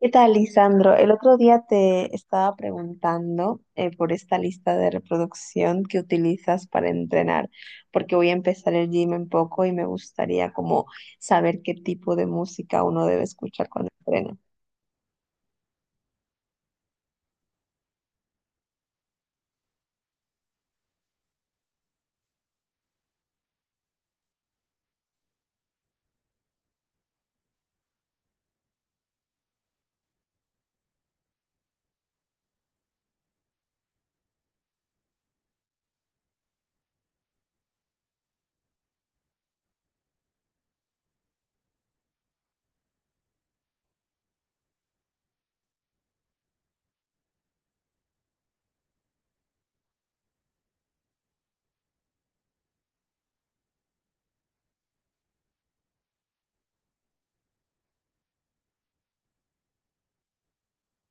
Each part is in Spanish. ¿Qué tal, Lisandro? El otro día te estaba preguntando por esta lista de reproducción que utilizas para entrenar, porque voy a empezar el gym en poco y me gustaría como saber qué tipo de música uno debe escuchar cuando entrena.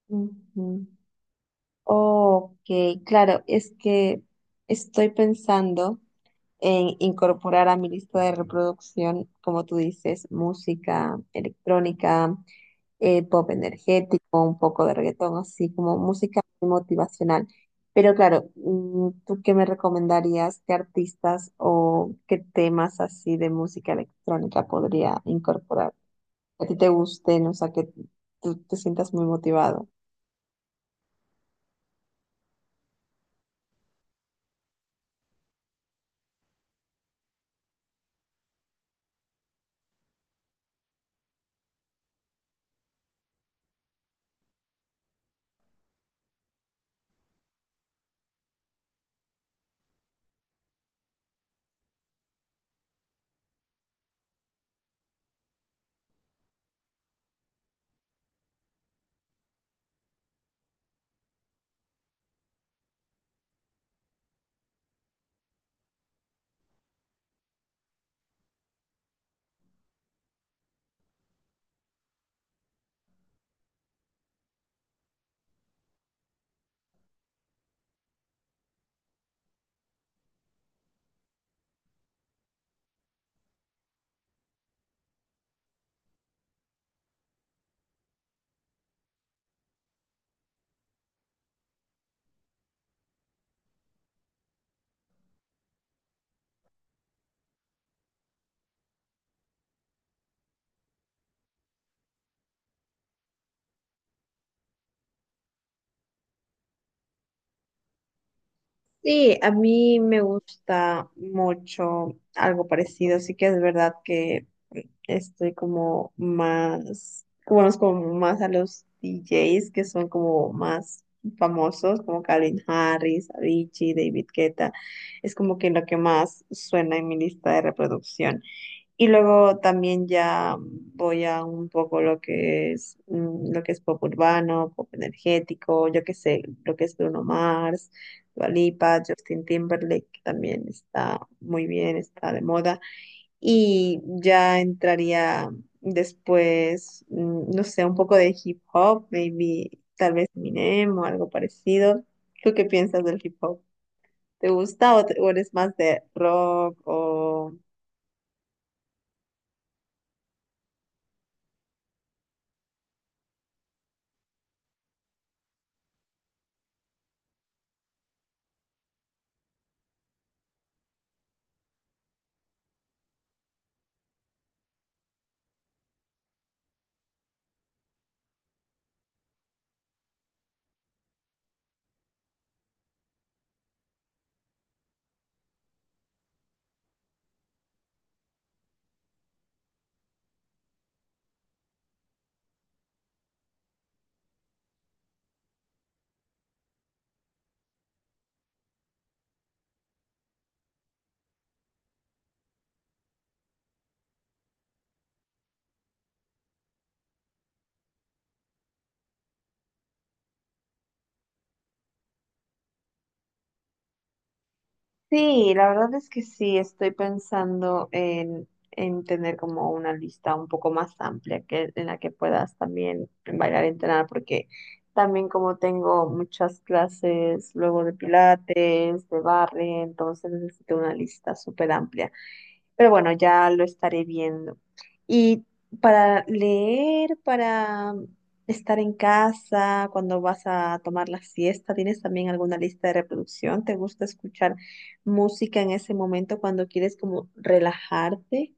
Ujú. Ok, claro, es que estoy pensando en incorporar a mi lista de reproducción, como tú dices, música electrónica, pop energético, un poco de reggaetón, así como música muy motivacional. Pero claro, ¿tú qué me recomendarías? ¿Qué artistas o qué temas así de música electrónica podría incorporar? Que a ti te guste, ¿no? O sea, que tú te sientas muy motivado. Sí, a mí me gusta mucho algo parecido, sí que es verdad que estoy como más, conozco como más a los DJs que son como más famosos, como Calvin Harris, Avicii, David Guetta, es como que lo que más suena en mi lista de reproducción. Y luego también ya voy a un poco lo que es lo que es pop urbano, pop energético, yo qué sé, lo que es Bruno Mars, Dua Lipa, Justin Timberlake, que también está muy bien, está de moda. Y ya entraría después, no sé, un poco de hip hop, maybe tal vez Eminem o algo parecido. ¿Tú qué piensas del hip hop? ¿Te gusta o, o eres más de rock o...? Sí, la verdad es que sí, estoy pensando en tener como una lista un poco más amplia que, en la que puedas también bailar y entrenar, porque también como tengo muchas clases luego de pilates, de barre, entonces necesito una lista súper amplia. Pero bueno, ya lo estaré viendo. Y para leer, para estar en casa, cuando vas a tomar la siesta, ¿tienes también alguna lista de reproducción? ¿Te gusta escuchar música en ese momento cuando quieres como relajarte?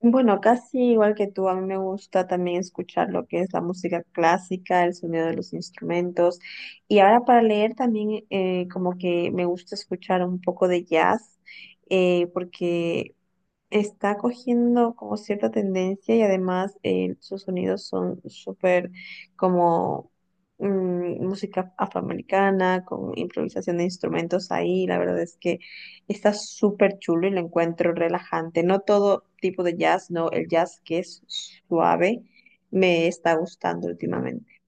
Bueno, casi igual que tú, a mí me gusta también escuchar lo que es la música clásica, el sonido de los instrumentos. Y ahora para leer también, como que me gusta escuchar un poco de jazz, porque está cogiendo como cierta tendencia y además, sus sonidos son súper como música afroamericana, con improvisación de instrumentos ahí. La verdad es que está súper chulo y lo encuentro relajante. No todo tipo de jazz, no, el jazz que es suave me está gustando últimamente.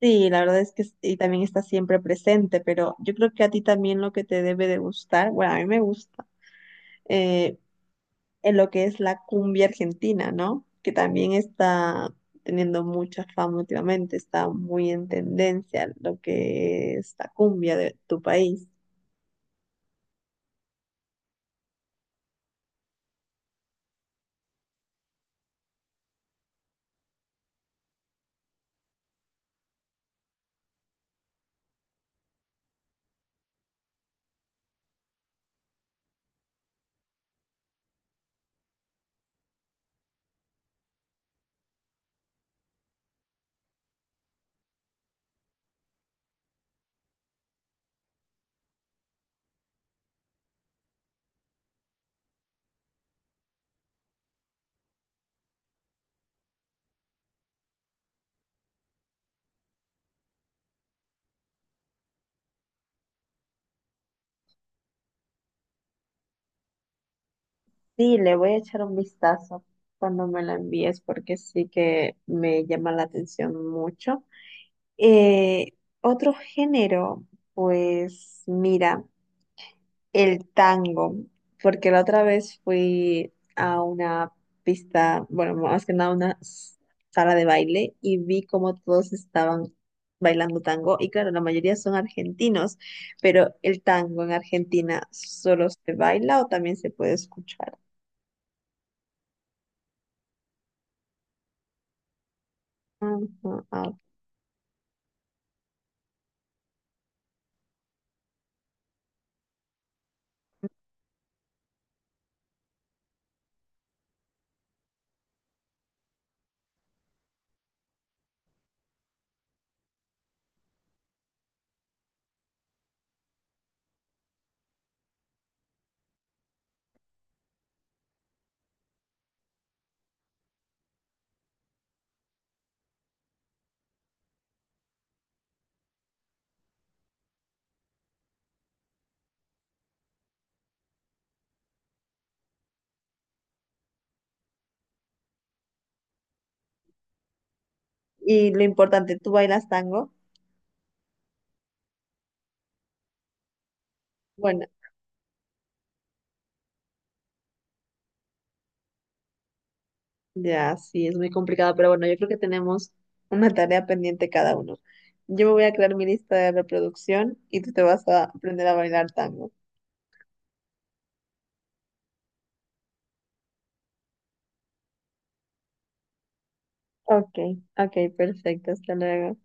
Sí, la verdad es que y también está siempre presente, pero yo creo que a ti también lo que te debe de gustar, bueno, a mí me gusta en lo que es la cumbia argentina, ¿no? Que también está teniendo mucha fama últimamente, está muy en tendencia lo que es la cumbia de tu país. Sí, le voy a echar un vistazo cuando me la envíes, porque sí que me llama la atención mucho. Eh, otro género, pues mira. El tango, porque la otra vez fui a una pista, bueno, más que nada una sala de baile y vi cómo todos estaban bailando tango y claro, la mayoría son argentinos, pero el tango en Argentina, ¿solo se baila o también se puede escuchar? Ujú, ah. Y lo importante, ¿tú bailas tango? Bueno. Ya, sí, es muy complicado, pero bueno, yo creo que tenemos una tarea pendiente cada uno. Yo me voy a crear mi lista de reproducción y tú te vas a aprender a bailar tango. Ok, ok, perfecto, hasta luego.